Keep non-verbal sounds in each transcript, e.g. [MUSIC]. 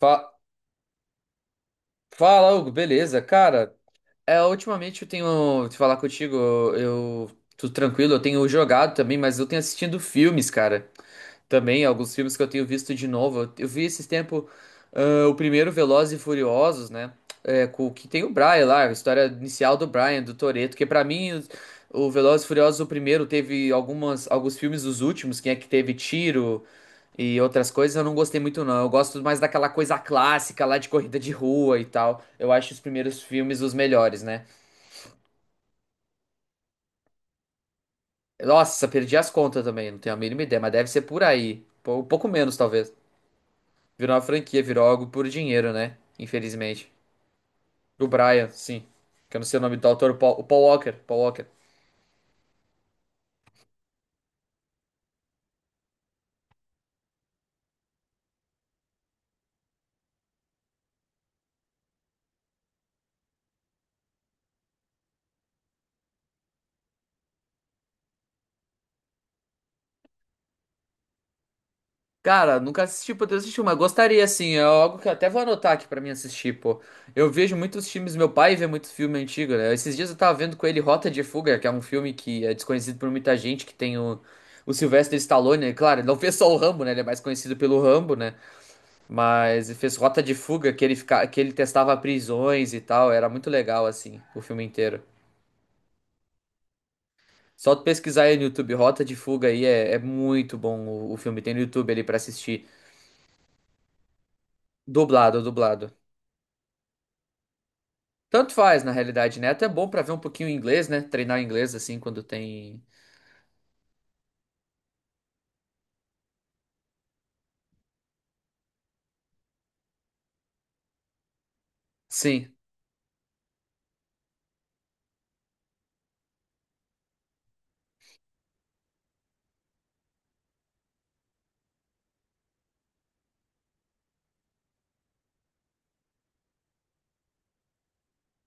Fa- Fala, Hugo, beleza? Cara, é, ultimamente eu tenho te falar contigo, eu tô tranquilo, eu tenho jogado também, mas eu tenho assistido filmes, cara. Também, alguns filmes que eu tenho visto de novo. Eu vi esses tempo o primeiro Velozes e Furiosos, né? É, com, que tem o Brian lá, a história inicial do Brian, do Toretto, que pra mim o Velozes e Furiosos, o primeiro, teve alguns filmes, os últimos, quem é que teve tiro. E outras coisas eu não gostei muito, não. Eu gosto mais daquela coisa clássica lá de corrida de rua e tal. Eu acho os primeiros filmes os melhores, né? Nossa, perdi as contas também, não tenho a mínima ideia, mas deve ser por aí. Um pouco menos, talvez. Virou uma franquia, virou algo por dinheiro, né? Infelizmente. O Brian, sim. Que eu não sei o nome do autor, o Paul Walker. Paul Walker. Cara, nunca assisti, poder assistir, mas gostaria, assim. É algo que eu até vou anotar aqui pra mim assistir, pô. Eu vejo muitos filmes, meu pai vê muito filme antigo, né? Esses dias eu tava vendo com ele Rota de Fuga, que é um filme que é desconhecido por muita gente, que tem o Sylvester Stallone, né? Claro, ele não [LAUGHS] fez só o Rambo, né? Ele é mais conhecido pelo Rambo, né? Mas ele fez Rota de Fuga, que ele, fica, que ele testava prisões e tal. Era muito legal, assim, o filme inteiro. Só tu pesquisar aí no YouTube, Rota de Fuga aí, é, é muito bom o filme. Tem no YouTube ali pra assistir. Dublado, dublado. Tanto faz, na realidade, né? Até bom pra ver um pouquinho inglês, né? Treinar inglês assim quando tem. Sim.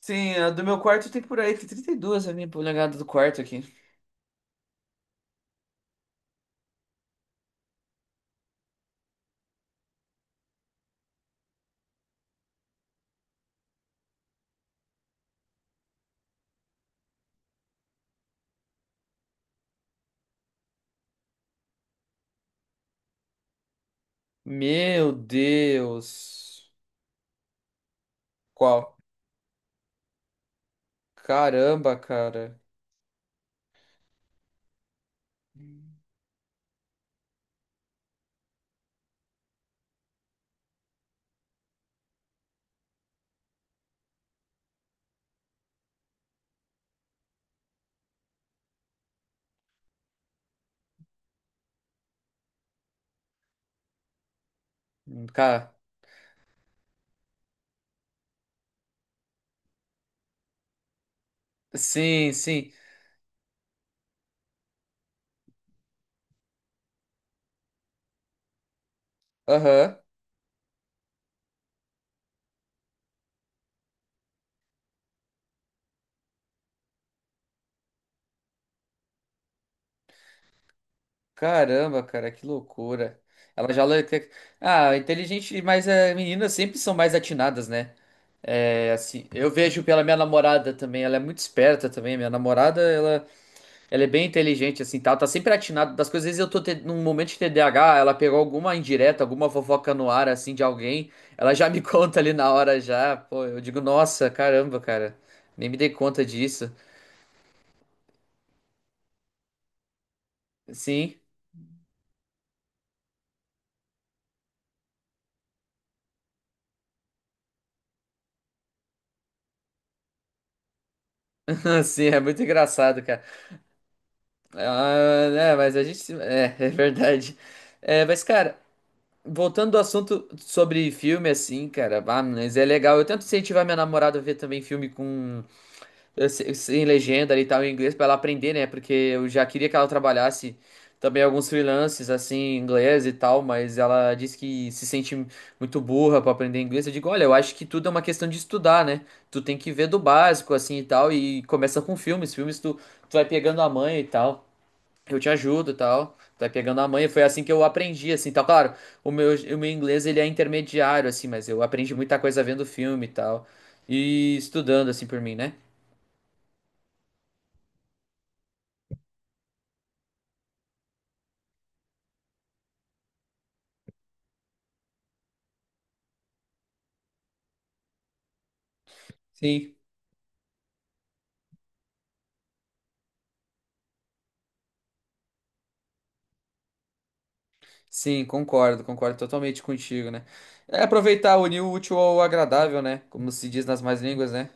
Sim, a do meu quarto tem por aí, tem 32 a minha polegada do quarto aqui. Meu Deus. Qual? Caramba, cara. Cara, sim, sim. Aham. Caramba, cara, que loucura. Ela já. Ah, inteligente, mas é, meninas sempre são mais atinadas, né? É, assim, eu vejo pela minha namorada também, ela é muito esperta também. Minha namorada, ela. Ela é bem inteligente, assim, tá? Ela tá sempre atinado das coisas. Às vezes eu tô num momento de TDAH, ela pegou alguma indireta, alguma fofoca no ar, assim, de alguém. Ela já me [LAUGHS] conta ali na hora, já. Pô, eu digo, nossa, caramba, cara. Nem me dei conta disso. Sim, [LAUGHS] sim, é muito engraçado, cara. Ah, né, mas a gente. É, [LAUGHS] é verdade. É, mas, cara, voltando ao assunto sobre filme, assim, cara, ah, mas é legal. Eu tento incentivar minha namorada a ver também filme com. Sem legenda e tal em inglês pra ela aprender, né? Porque eu já queria que ela trabalhasse também alguns freelances assim em inglês e tal, mas ela disse que se sente muito burra pra aprender inglês. Eu digo, olha, eu acho que tudo é uma questão de estudar, né? Tu tem que ver do básico assim e tal e começa com filmes, filmes tu, tu vai pegando a manha e tal. Eu te ajudo e tal. Tu vai pegando a manha, foi assim que eu aprendi assim, tal. Claro, o meu inglês ele é intermediário assim, mas eu aprendi muita coisa vendo filme e tal. E estudando assim por mim, né? Sim. Sim, concordo, concordo totalmente contigo, né? É aproveitar, unir o útil ao agradável, né? Como se diz nas mais línguas, né?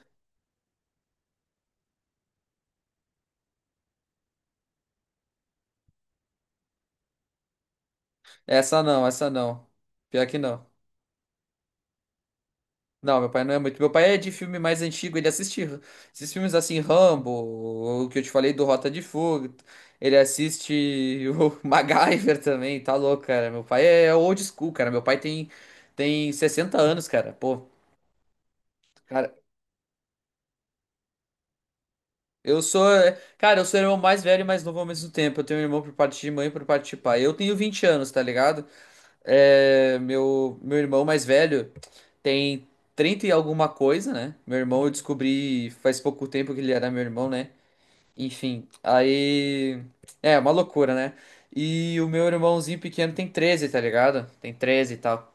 Essa não, essa não. Pior que não. Não, meu pai não é muito. Meu pai é de filme mais antigo, ele assiste esses filmes assim, Rambo, o que eu te falei do Rota de Fuga. Ele assiste o [LAUGHS] MacGyver também, tá louco, cara. Meu pai é old school, cara. Meu pai tem 60 anos, cara. Pô, eu sou, é, cara, eu sou o irmão mais velho e mais novo ao mesmo tempo. Eu tenho um irmão por parte de mãe e por parte de pai. Eu tenho 20 anos, tá ligado? É, meu irmão mais velho tem 30 e alguma coisa, né? Meu irmão eu descobri faz pouco tempo que ele era meu irmão, né? Enfim, aí é uma loucura, né? E o meu irmãozinho pequeno tem 13, tá ligado? Tem 13 e tal.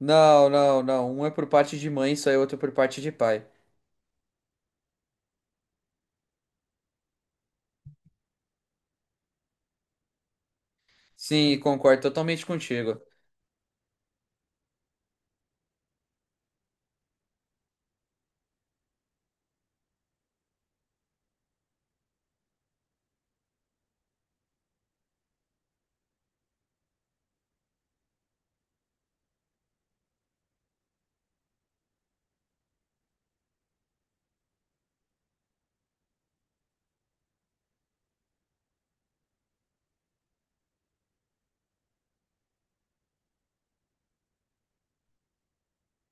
Não, não, não. Um é por parte de mãe, só e outro por parte de pai. Sim, concordo totalmente contigo.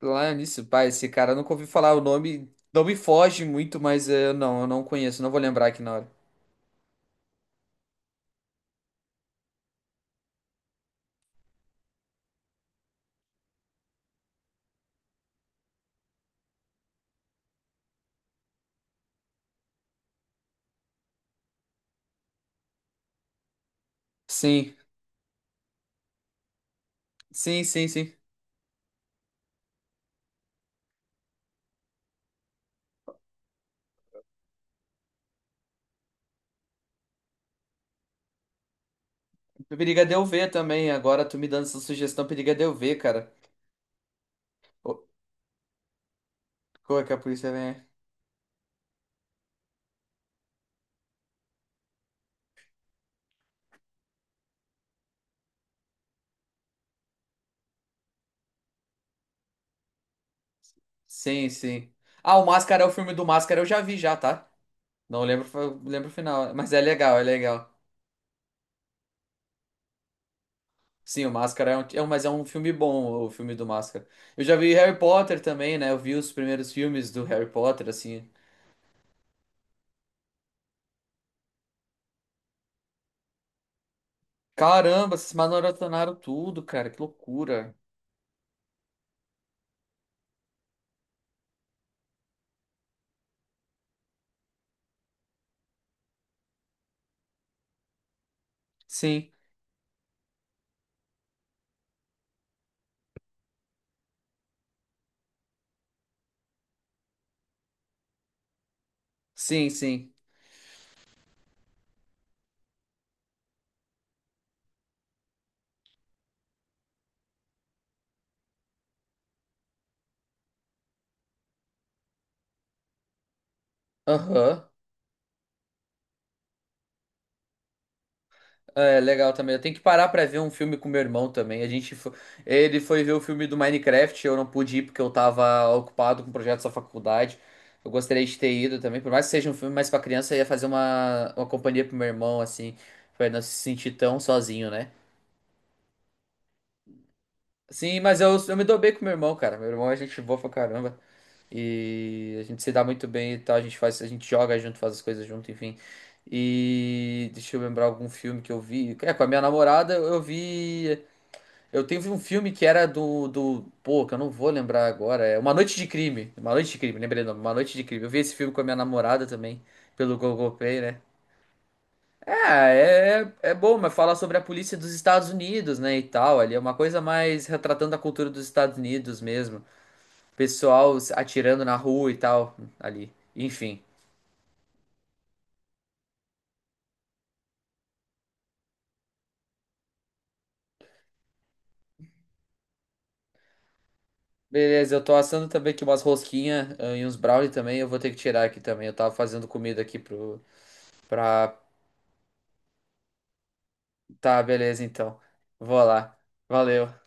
Lá nisso, pai, esse cara eu nunca ouvi falar o nome. Não me foge muito, mas não, eu não conheço, não vou lembrar aqui na hora. Sim, sim, sim, sim. Periga de eu ver também. Agora tu me dando essa sugestão, periga de eu ver, cara. Ô, como é que a polícia vem? Sim, sim. Ah, o Máscara é o filme do Máscara, eu já vi já, tá? Não lembro, lembro o final, mas é legal, é legal. Sim, o Máscara mas é um filme bom, o filme do Máscara. Eu já vi Harry Potter também, né? Eu vi os primeiros filmes do Harry Potter, assim. Caramba, vocês maratonaram tudo, cara. Que loucura. Sim, sim, sim. Aham. É legal também. Eu tenho que parar pra ver um filme com meu irmão também. A gente foi... Ele foi ver o filme do Minecraft. Eu não pude ir porque eu tava ocupado com projetos da faculdade. Eu gostaria de ter ido também. Por mais que seja um filme mais pra criança, eu ia fazer uma companhia pro meu irmão, assim, pra ele não se sentir tão sozinho, né? Sim, mas eu me dou bem com meu irmão, cara. Meu irmão é gente boa pra caramba. E a gente se dá muito bem e tal. A gente faz, a gente joga junto, faz as coisas junto, enfim. E deixa eu lembrar algum filme que eu vi. É, com a minha namorada eu vi. Eu teve um filme que era do. Pô, que eu não vou lembrar agora. É Uma Noite de Crime. Uma Noite de Crime, lembrei o nome. Uma Noite de Crime. Eu vi esse filme com a minha namorada também, pelo Google Play, né? Ah, é, é bom, mas falar sobre a polícia dos Estados Unidos, né, e tal, ali é uma coisa mais retratando a cultura dos Estados Unidos mesmo, pessoal se atirando na rua e tal, ali, enfim. Beleza, eu tô assando também aqui umas rosquinhas e uns brownie também, eu vou ter que tirar aqui também, eu tava fazendo comida aqui pro, pra... Tá, beleza, então, vou lá, valeu.